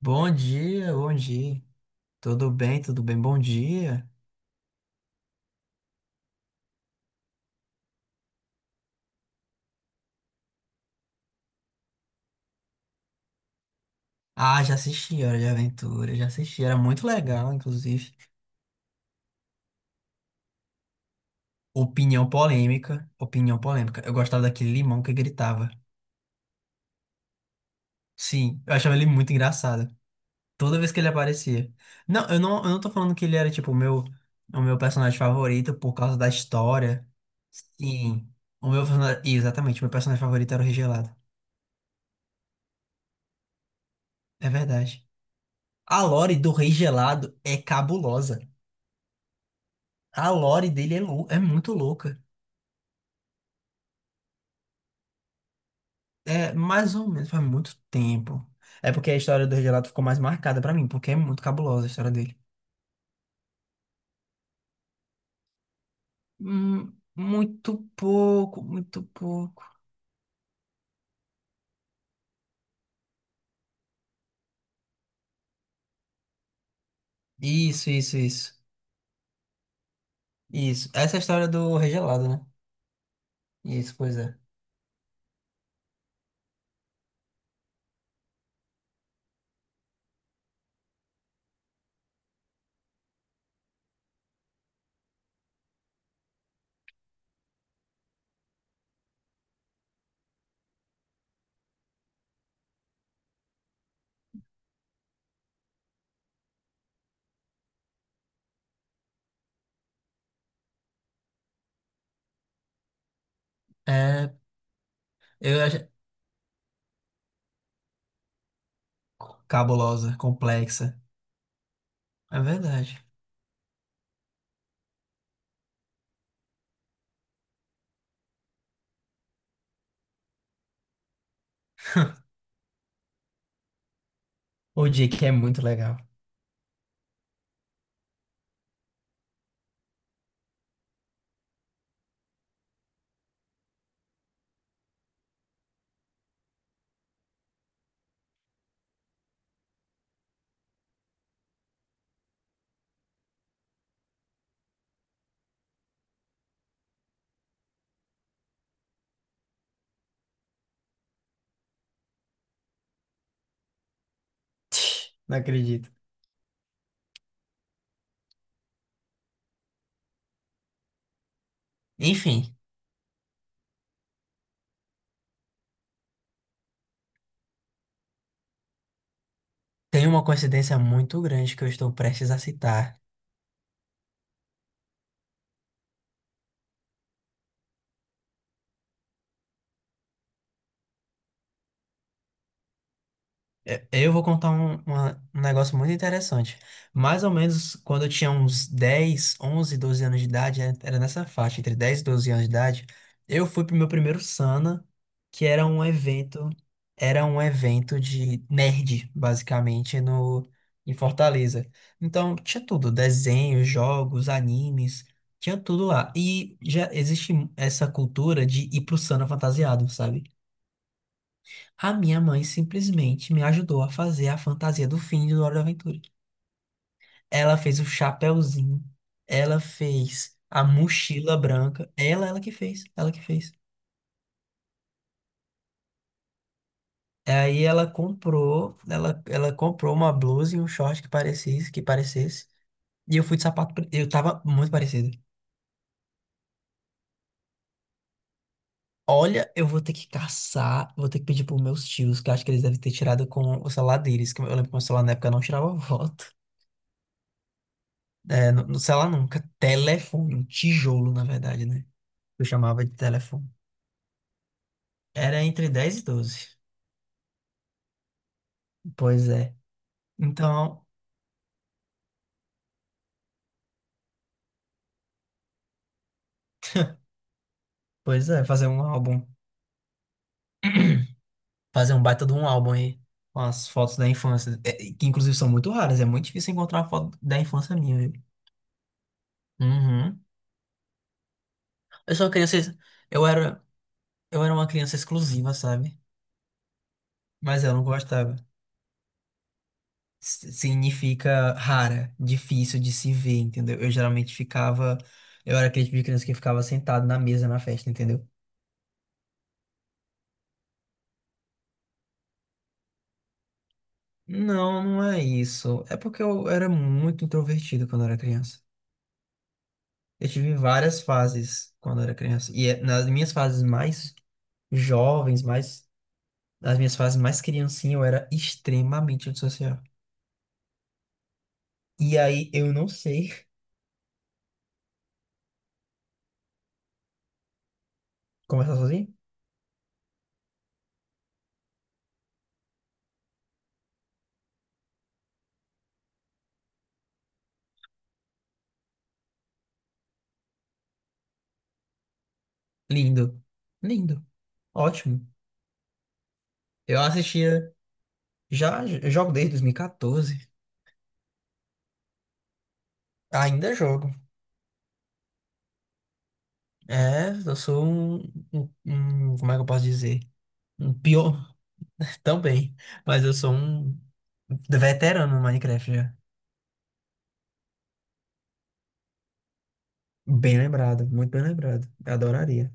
Bom dia, bom dia. Tudo bem, bom dia. Ah, já assisti Hora de Aventura, já assisti. Era muito legal, inclusive. Opinião polêmica, opinião polêmica. Eu gostava daquele limão que gritava. Sim, eu achava ele muito engraçado. Toda vez que ele aparecia. Não, eu não tô falando que ele era, tipo, o meu personagem favorito por causa da história. Sim, o meu personagem... Exatamente, o meu personagem favorito era o Rei Gelado. É verdade. A lore do Rei Gelado é cabulosa. A lore dele é, é muito louca. É mais ou menos faz muito tempo. É porque a história do Regelato ficou mais marcada pra mim, porque é muito cabulosa a história dele. Muito pouco, muito pouco. Isso, isso, isso. Isso. Essa é a história do Regelado, né? Isso, pois é. É, eu acho cabulosa, complexa. É verdade. O Jake é muito legal. Não acredito. Enfim, tem uma coincidência muito grande que eu estou prestes a citar. É, eu vou contar um negócio muito interessante. Mais ou menos quando eu tinha uns 10 11 12 anos de idade, né, era nessa faixa, entre 10 e 12 anos de idade, eu fui pro meu primeiro Sana, que era um evento de nerd, basicamente, no, em Fortaleza. Então, tinha tudo, desenhos, jogos, animes, tinha tudo lá. E já existe essa cultura de ir pro Sana fantasiado, sabe? A minha mãe simplesmente me ajudou a fazer a fantasia do fim de Hora da Aventura. Ela fez o chapéuzinho, ela fez a mochila branca, ela que fez, ela que fez. Aí ela comprou, ela comprou uma blusa e um short que parecesse, que parecesse. E eu fui de sapato, eu tava muito parecido. Olha, eu vou ter que caçar, vou ter que pedir pros meus tios, que eu acho que eles devem ter tirado com o celular deles, que eu lembro que o meu celular na época não tirava foto. É, no celular nunca. Telefone, um tijolo, na verdade, né? Eu chamava de telefone. Era entre 10 e doze. Pois é. Então, pois é, fazer um álbum. Fazer um baita de um álbum aí. Com as fotos da infância. É, que inclusive são muito raras. É muito difícil encontrar uma foto da infância minha, viu? Uhum. Eu sou uma criança. Eu era, eu era uma criança exclusiva, sabe? Mas eu não gostava. Significa rara, difícil de se ver, entendeu? Eu geralmente ficava, eu era aquele tipo de criança que ficava sentado na mesa na festa, entendeu? Não, não é isso. É porque eu era muito introvertido quando eu era criança. Eu tive várias fases quando eu era criança. E nas minhas fases mais jovens, mais, nas minhas fases mais criancinha, eu era extremamente antissocial. E aí eu não sei. Conversar sozinho? Lindo. Lindo. Ótimo. Eu assistia. Já jogo desde 2014. Ainda jogo. É, eu sou um, como é que eu posso dizer? Um pior também. Mas eu sou um veterano no Minecraft já. Bem lembrado, muito bem lembrado. Eu adoraria.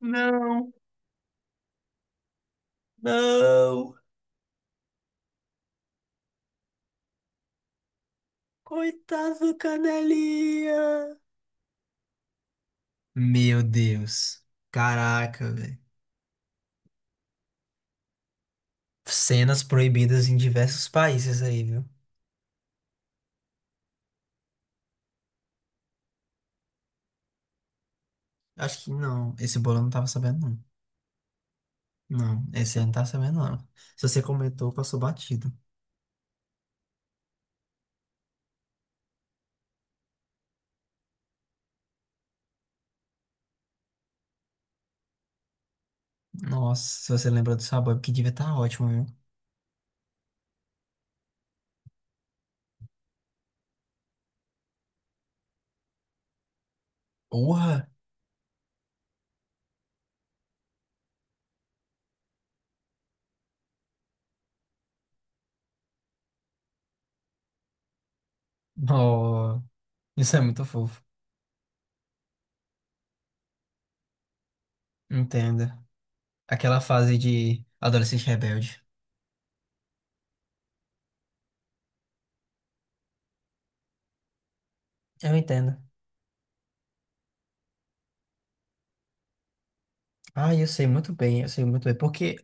Não, não! Coitado do Canelinha! Meu Deus. Caraca, velho. Cenas proibidas em diversos países aí, viu? Acho que não. Esse bolo eu não tava sabendo, não. Não, esse eu não tá sabendo, não. Se você comentou, passou batido. Nossa, se você lembra do sabor, que devia estar ótimo, viu? Porra! Oh, isso é muito fofo. Entendo. Aquela fase de adolescente rebelde. Eu entendo. Ah, eu sei muito bem, eu sei muito bem. Porque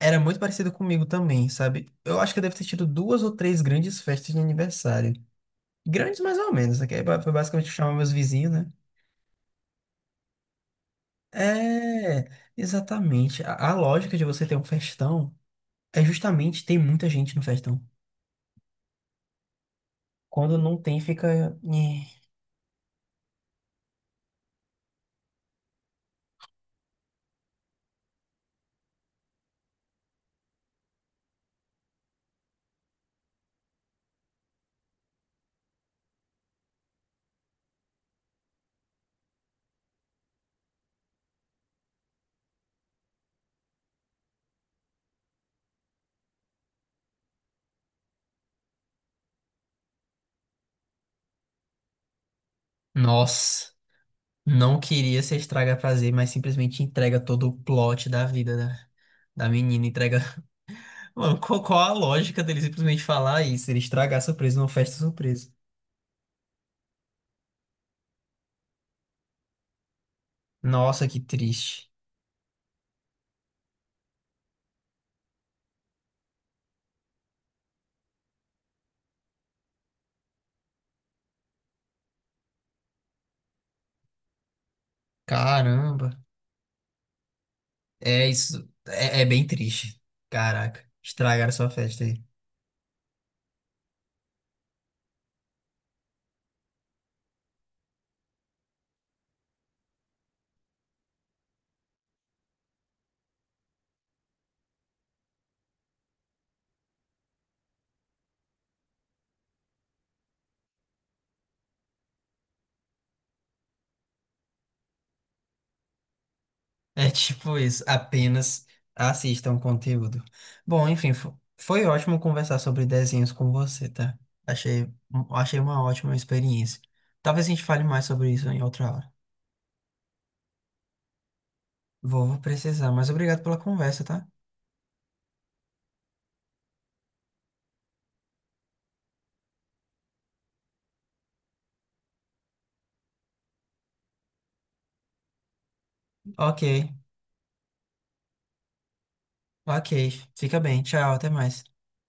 era muito parecido comigo também, sabe? Eu acho que eu devo ter tido duas ou três grandes festas de aniversário. Grandes mais ou menos, né? Que aí foi basicamente chamar meus vizinhos, né? É, exatamente. A lógica de você ter um festão. É justamente tem muita gente no festão. Quando não tem, fica. Nhé. Nossa, não queria ser estraga prazer, mas simplesmente entrega todo o plot da vida da menina. Entrega. Mano, qual a lógica dele simplesmente falar isso? Ele estragar a surpresa numa festa surpresa. Nossa, que triste. Caramba. É isso. É, é bem triste. Caraca. Estragaram sua festa aí. É tipo isso, apenas assistam o conteúdo. Bom, enfim, foi ótimo conversar sobre desenhos com você, tá? Achei, achei uma ótima experiência. Talvez a gente fale mais sobre isso em outra hora. Vou, vou precisar, mas obrigado pela conversa, tá? Ok, ok. Fica bem. Tchau, até mais.